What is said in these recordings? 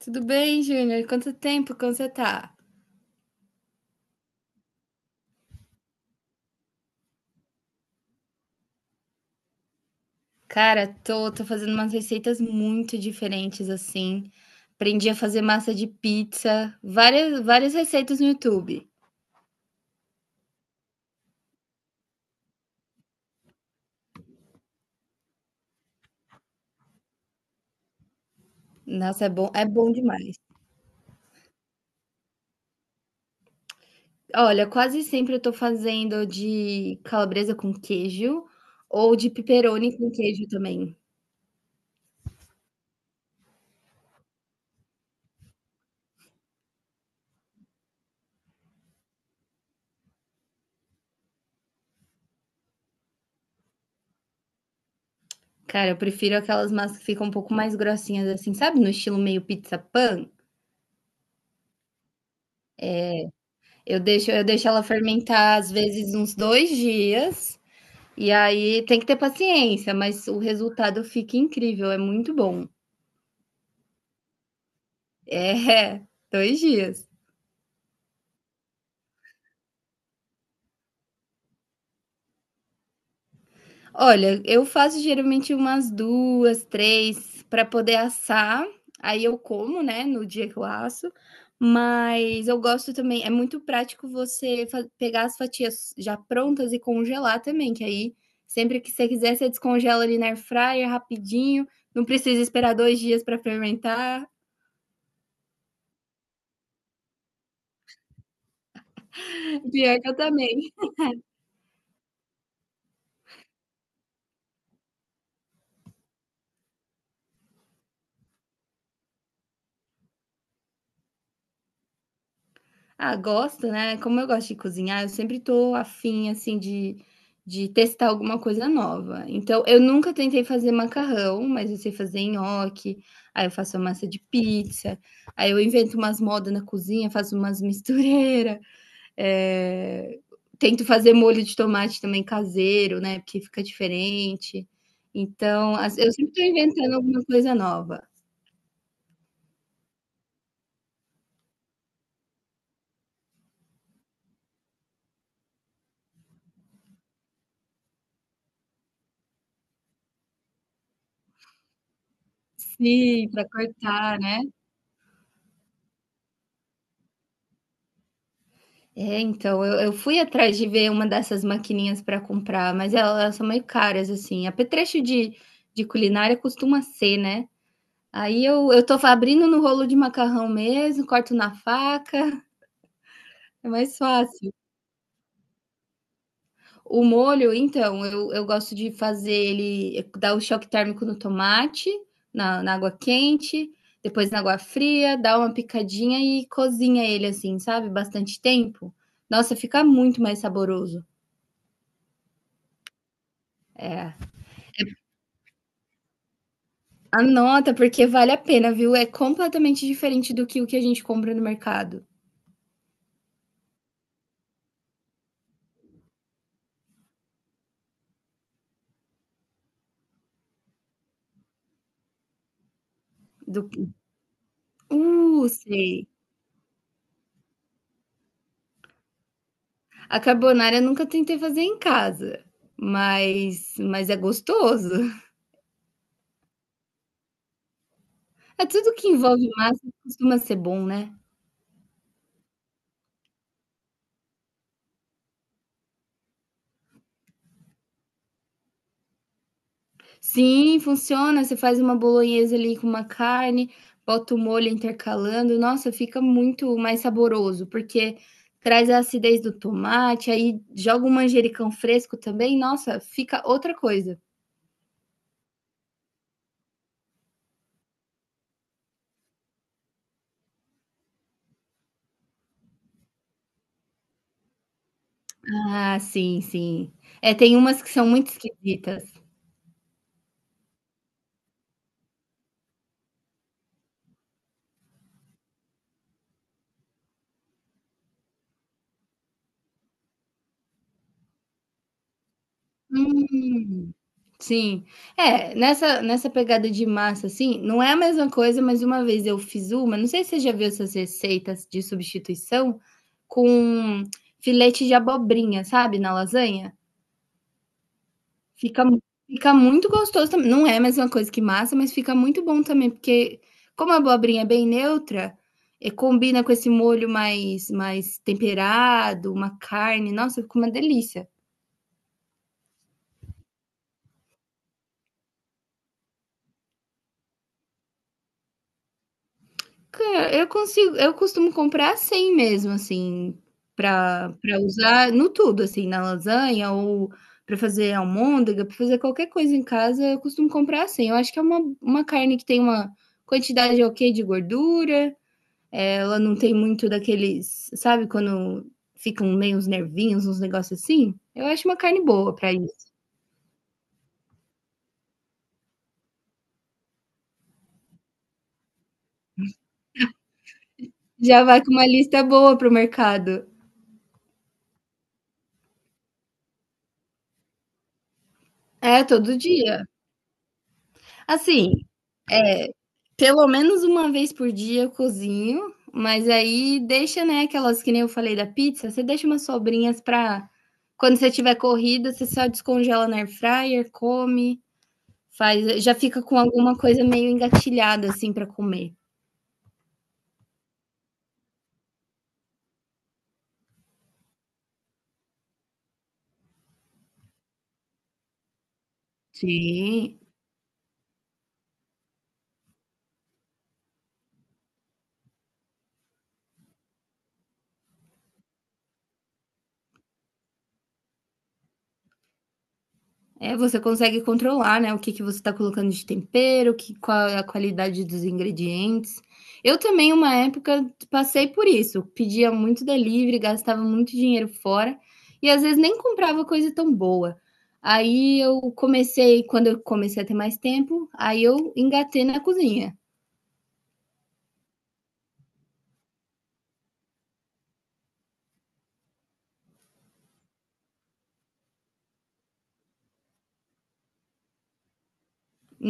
Tudo bem, Júnior? Quanto tempo? Como você tá? Cara, tô fazendo umas receitas muito diferentes assim. Aprendi a fazer massa de pizza, várias, várias receitas no YouTube. Nossa, é bom demais. Olha, quase sempre eu tô fazendo de calabresa com queijo ou de pepperoni com queijo também. Cara, eu prefiro aquelas massas que ficam um pouco mais grossinhas assim, sabe? No estilo meio pizza pan. Eu deixo ela fermentar às vezes uns dois dias. E aí tem que ter paciência, mas o resultado fica incrível, é muito bom. É, 2 dias. Olha, eu faço geralmente umas 2, 3 para poder assar, aí eu como, né, no dia que eu asso, mas eu gosto também é muito prático você fa pegar as fatias já prontas e congelar também, que aí sempre que você quiser, você descongela ali na air fryer rapidinho, não precisa esperar 2 dias para fermentar. Pior que eu também. Ah, gosto, né. Como eu gosto de cozinhar, eu sempre tô afim, assim, de testar alguma coisa nova. Então, eu nunca tentei fazer macarrão, mas eu sei fazer nhoque, aí eu faço a massa de pizza, aí eu invento umas modas na cozinha, faço umas mistureira, eh, tento fazer molho de tomate também caseiro, né, porque fica diferente. Então, as eu sempre tô inventando alguma coisa nova. Sim, para cortar, né. É, então, eu fui atrás de ver uma dessas maquininhas para comprar, mas el elas são meio caras, assim. Apetrecho de culinária costuma ser, né. Aí eu tô abrindo no rolo de macarrão mesmo, corto na faca, é mais fácil. O molho, então, eu gosto de fazer ele dar o choque térmico no tomate, na água quente, depois na água fria, dá uma picadinha e cozinha ele, assim, sabe, bastante tempo. Nossa, fica muito mais saboroso. Anota, porque vale a pena, viu? É completamente diferente do que o que a gente compra no mercado. Do... sei. A carbonara eu nunca tentei fazer em casa, mas é gostoso. É tudo que envolve massa costuma ser bom, né? Sim, funciona. Você faz uma bolonhesa ali com uma carne, bota o molho intercalando. Nossa, fica muito mais saboroso, porque traz a acidez do tomate, aí joga um manjericão fresco também. Nossa, fica outra coisa. Ah, sim, sim. É, tem umas que são muito esquisitas. Hum, sim. É, nessa pegada de massa, assim, não é a mesma coisa, mas uma vez eu fiz uma, não sei se você já viu essas receitas de substituição, com filete de abobrinha, sabe, na lasanha? Fica mu- fica muito gostoso também. Não é a mesma coisa que massa, mas fica muito bom também, porque como a abobrinha é bem neutra, combina com esse molho mais temperado, uma carne, nossa, fica uma delícia. Cara, eu costumo comprar assim mesmo, assim, para usar no tudo, assim, na lasanha ou para fazer almôndega, para fazer qualquer coisa em casa, eu costumo comprar assim. Eu acho que é uma carne que tem uma quantidade ok de gordura. É, ela não tem muito daqueles. Sabe quando ficam meio os nervinhos, uns negócios assim? Eu acho uma carne boa para isso. Já vai com uma lista boa pro mercado. É, todo dia. Assim, pelo menos uma vez por dia eu cozinho, mas aí deixa, né, aquelas que nem eu falei da pizza, você deixa umas sobrinhas pra. Quando você tiver corrida, você só descongela na air fryer, come, faz, já fica com alguma coisa meio engatilhada assim para comer. Sim. É, você consegue controlar, né, o que você está colocando de tempero, que, qual é a qualidade dos ingredientes. Eu também, uma época, passei por isso. Pedia muito delivery, gastava muito dinheiro fora e às vezes nem comprava coisa tão boa. Aí eu comecei, quando eu comecei a ter mais tempo, aí eu engatei na cozinha.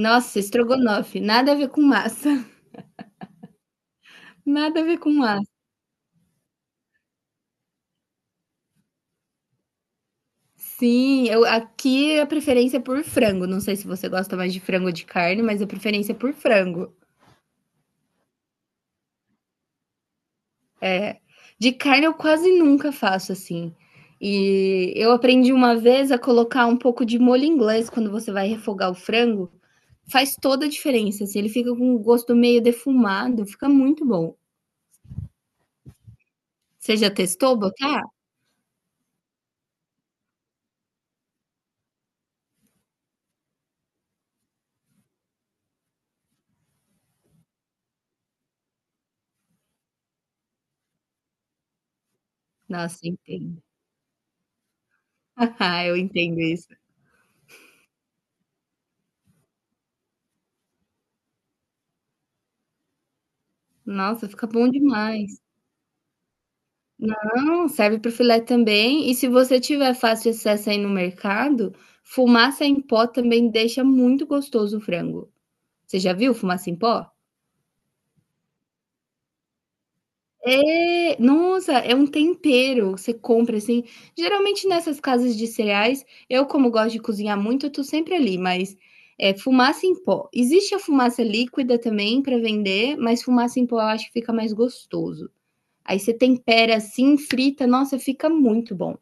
Nossa, estrogonofe, nada a ver com massa, nada a ver com massa. Sim, eu, aqui a preferência é por frango. Não sei se você gosta mais de frango ou de carne, mas a preferência é por frango. De carne eu quase nunca faço assim. E eu aprendi uma vez a colocar um pouco de molho inglês quando você vai refogar o frango. Faz toda a diferença. Assim, ele fica com um gosto meio defumado, fica muito bom. Você já testou botar? Nossa, eu entendo. Eu entendo isso. Nossa, fica bom demais. Não, serve para o filé também. E se você tiver fácil acesso aí no mercado, fumaça em pó também deixa muito gostoso o frango. Você já viu fumaça em pó? É, nossa, é um tempero. Você compra assim. Geralmente nessas casas de cereais, eu como gosto de cozinhar muito, eu tô sempre ali, mas é fumaça em pó. Existe a fumaça líquida também para vender, mas fumaça em pó eu acho que fica mais gostoso. Aí você tempera assim, frita, nossa, fica muito bom.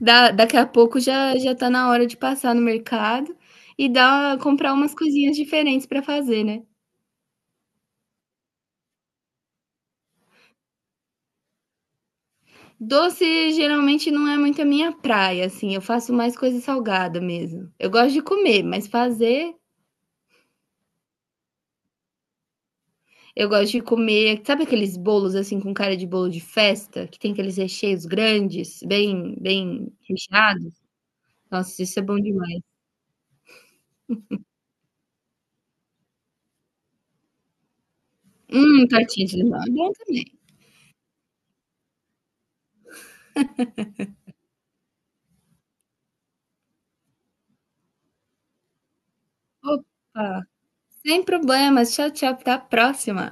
Daqui a pouco já tá na hora de passar no mercado e dar comprar umas coisinhas diferentes para fazer, né. Doce geralmente não é muito a minha praia, assim, eu faço mais coisa salgada mesmo. Eu gosto de comer, mas fazer, eu gosto de comer, sabe aqueles bolos, assim, com cara de bolo de festa, que tem aqueles recheios grandes, bem recheados? Nossa, isso é bom demais. Tortinha de limão é bom também. Opa, sem problemas. Tchau, tchau, até a próxima.